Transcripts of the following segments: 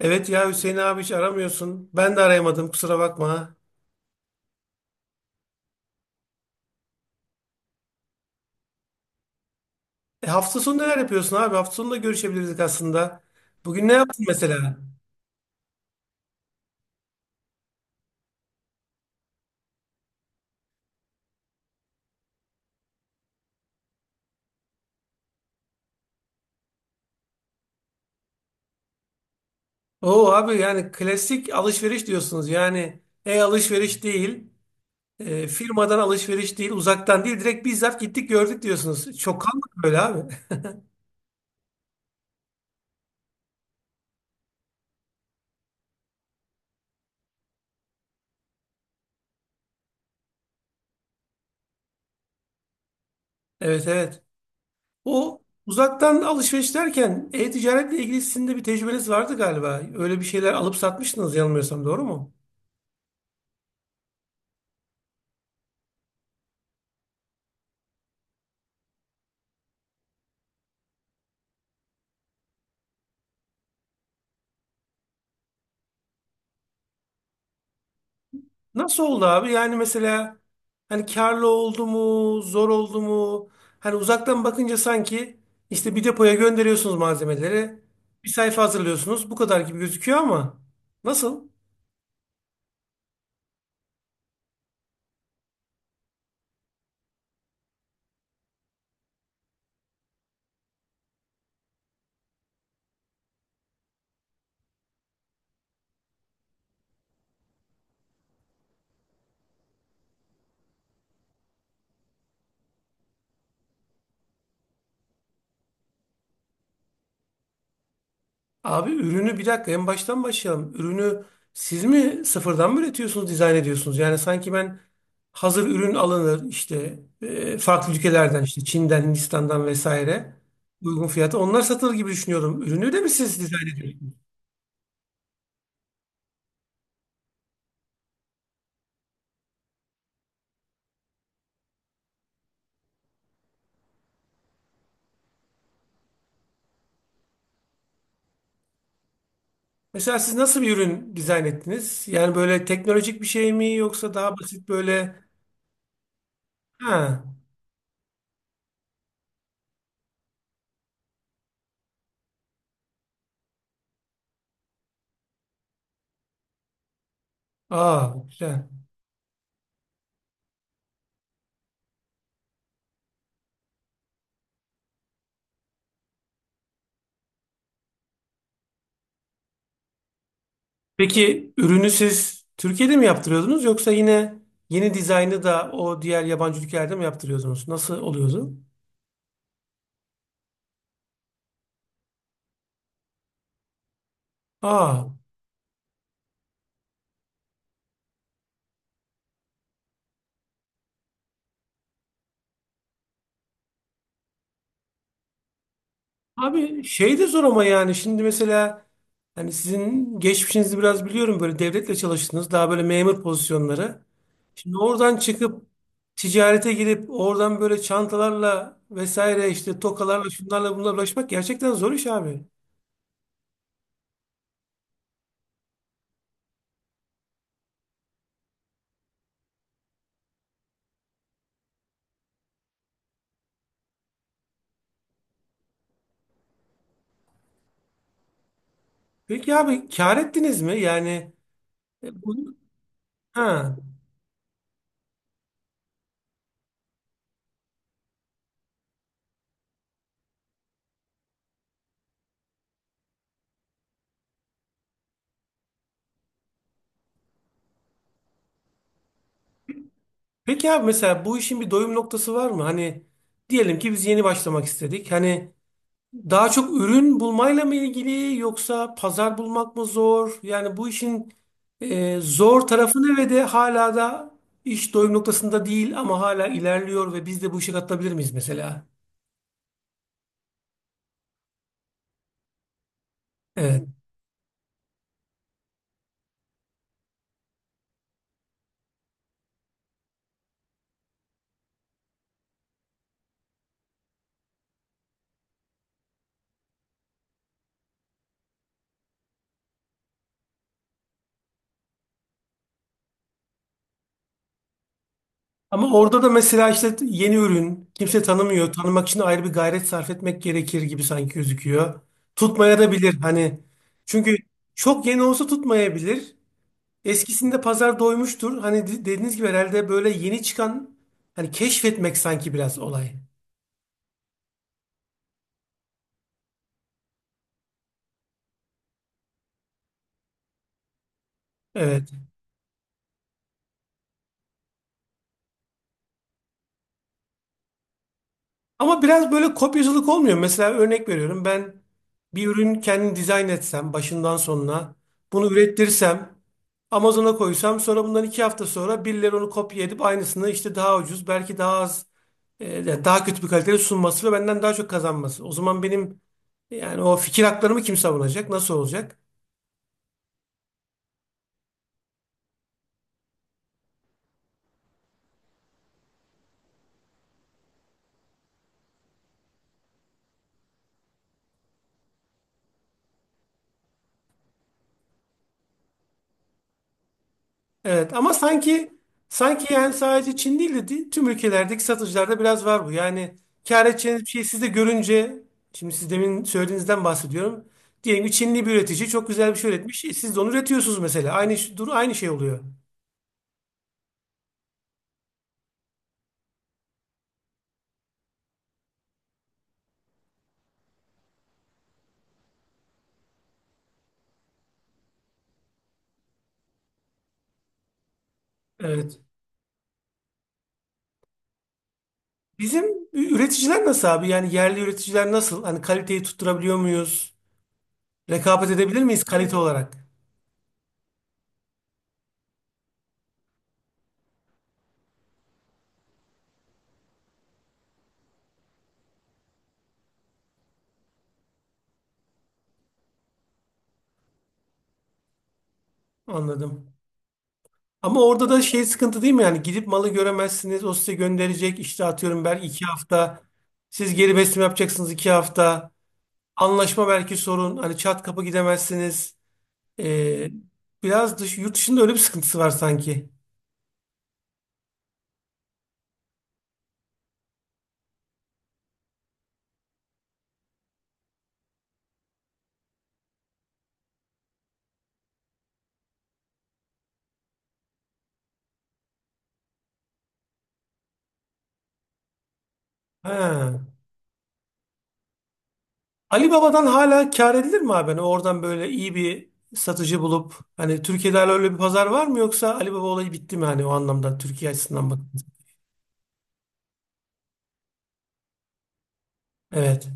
Evet ya Hüseyin abi hiç aramıyorsun. Ben de arayamadım kusura bakma. E, hafta sonu neler yapıyorsun abi? Hafta sonu da görüşebilirdik aslında. Bugün ne yaptın mesela? Oo abi yani klasik alışveriş diyorsunuz. Yani e-alışveriş değil, firmadan alışveriş değil, uzaktan değil. Direkt bizzat gittik gördük diyorsunuz. Çok kalmadı böyle abi. Evet, evet. O uzaktan alışveriş derken e-ticaretle ilgili sizin de bir tecrübeniz vardı galiba. Öyle bir şeyler alıp satmıştınız yanılmıyorsam, doğru mu? Nasıl oldu abi? Yani mesela hani karlı oldu mu, zor oldu mu? Hani uzaktan bakınca sanki işte bir depoya gönderiyorsunuz malzemeleri. Bir sayfa hazırlıyorsunuz. Bu kadar gibi gözüküyor ama nasıl? Abi ürünü, bir dakika, en baştan başlayalım. Ürünü siz mi sıfırdan mı üretiyorsunuz, dizayn ediyorsunuz? Yani sanki ben hazır ürün alınır işte farklı ülkelerden işte Çin'den, Hindistan'dan vesaire uygun fiyata onlar satılır gibi düşünüyorum. Ürünü de mi siz dizayn ediyorsunuz? Mesela siz nasıl bir ürün dizayn ettiniz? Yani böyle teknolojik bir şey mi yoksa daha basit böyle? Ha, aa, güzel. Peki ürünü siz Türkiye'de mi yaptırıyordunuz yoksa yine yeni dizaynı da o diğer yabancı ülkelerde mi yaptırıyordunuz? Nasıl oluyordu? Aa. Abi şey de zor ama yani şimdi mesela hani sizin geçmişinizi biraz biliyorum, böyle devletle çalıştınız, daha böyle memur pozisyonları. Şimdi oradan çıkıp ticarete girip oradan böyle çantalarla vesaire işte tokalarla şunlarla bunlarla ulaşmak gerçekten zor iş abi. Peki abi kâr ettiniz mi? Yani e, bu- ha. Peki abi mesela bu işin bir doyum noktası var mı? Hani diyelim ki biz yeni başlamak istedik. Hani daha çok ürün bulmayla mı ilgili yoksa pazar bulmak mı zor? Yani bu işin zor tarafı ne ve de hala da iş doyum noktasında değil ama hala ilerliyor ve biz de bu işe katılabilir miyiz mesela? Evet. Ama orada da mesela işte yeni ürün kimse tanımıyor. Tanımak için ayrı bir gayret sarf etmek gerekir gibi sanki gözüküyor. Tutmaya da bilir hani. Çünkü çok yeni olsa tutmayabilir. Eskisinde pazar doymuştur. Hani dediğiniz gibi herhalde böyle yeni çıkan hani keşfetmek sanki biraz olay. Evet. Ama biraz böyle kopyacılık olmuyor. Mesela örnek veriyorum, ben bir ürün kendim dizayn etsem başından sonuna, bunu ürettirsem Amazon'a koysam, sonra bundan 2 hafta sonra birileri onu kopya edip aynısını işte daha ucuz, belki daha az, yani daha kötü bir kalitede sunması ve benden daha çok kazanması. O zaman benim, yani o fikir haklarımı kim savunacak? Nasıl olacak? Evet ama sanki yani sadece Çin değil de tüm ülkelerdeki satıcılarda biraz var bu. Yani kâr edeceğiniz bir şey siz de görünce, şimdi siz demin söylediğinizden bahsediyorum. Diyelim ki Çinli bir üretici çok güzel bir şey üretmiş. E, siz de onu üretiyorsunuz mesela. Dur, aynı şey oluyor. Evet. Bizim üreticiler nasıl abi? Yani yerli üreticiler nasıl? Hani kaliteyi tutturabiliyor muyuz? Rekabet edebilir miyiz kalite olarak? Anladım. Ama orada da şey sıkıntı değil mi? Yani gidip malı göremezsiniz. O size gönderecek. İşte atıyorum, belki 2 hafta. Siz geri besleme yapacaksınız, 2 hafta. Anlaşma belki sorun. Hani çat kapı gidemezsiniz. Ee, biraz dış, yurt dışında öyle bir sıkıntısı var sanki. Ha. Ali Baba'dan hala kâr edilir mi abi? Hani oradan böyle iyi bir satıcı bulup hani Türkiye'de hala öyle bir pazar var mı yoksa Ali Baba olayı bitti mi hani o anlamda Türkiye açısından bakınca? Evet.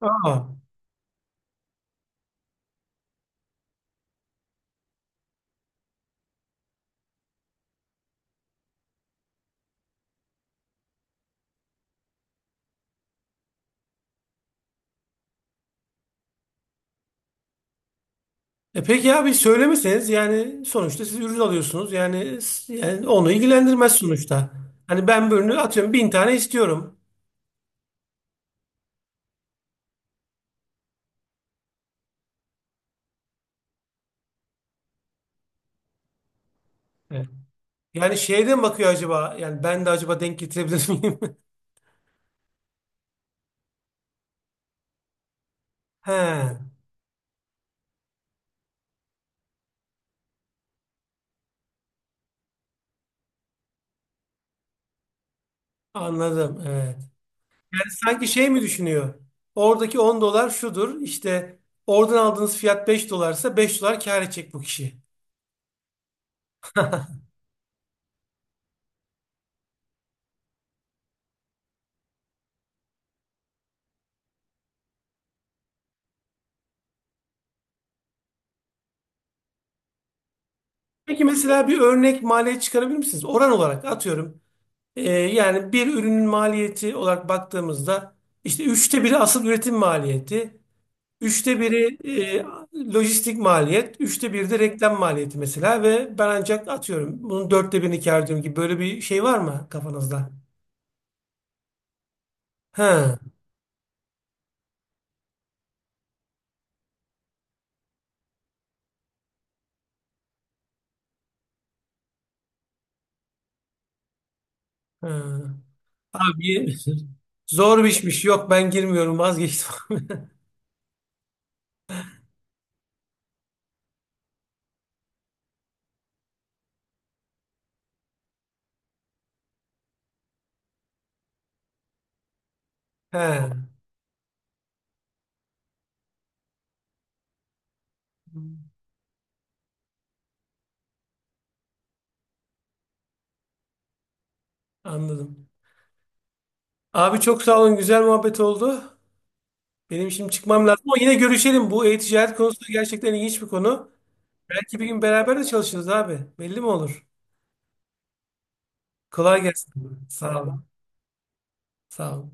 Aa. E peki abi, söylemeseniz yani sonuçta siz ürün alıyorsunuz. Yani, yani onu ilgilendirmez sonuçta. Hani ben bir ürünü atıyorum 1000 tane istiyorum. Evet. Yani şeyden bakıyor, acaba yani ben de acaba denk getirebilir miyim? He, anladım, evet. Sanki şey mi düşünüyor? Oradaki 10 dolar şudur işte, oradan aldığınız fiyat 5 dolarsa 5 dolar kâr edecek bu kişi. Peki mesela bir örnek maliyet çıkarabilir misiniz? Oran olarak atıyorum. Yani bir ürünün maliyeti olarak baktığımızda işte üçte biri asıl üretim maliyeti, üçte biri e, lojistik maliyet, üçte biri de reklam maliyeti mesela ve ben ancak atıyorum bunun dörtte birini kâr ediyorum, gibi böyle bir şey var mı kafanızda? He, he. Abi zor bir işmiş. Yok, ben girmiyorum, vazgeçtim. He, anladım. Abi çok sağ olun, güzel muhabbet oldu. Benim şimdi çıkmam lazım ama yine görüşelim. Bu e-ticaret konusu gerçekten ilginç bir konu. Belki bir gün beraber de çalışırız abi. Belli mi olur? Kolay gelsin. Sağ ol. Sağ ol.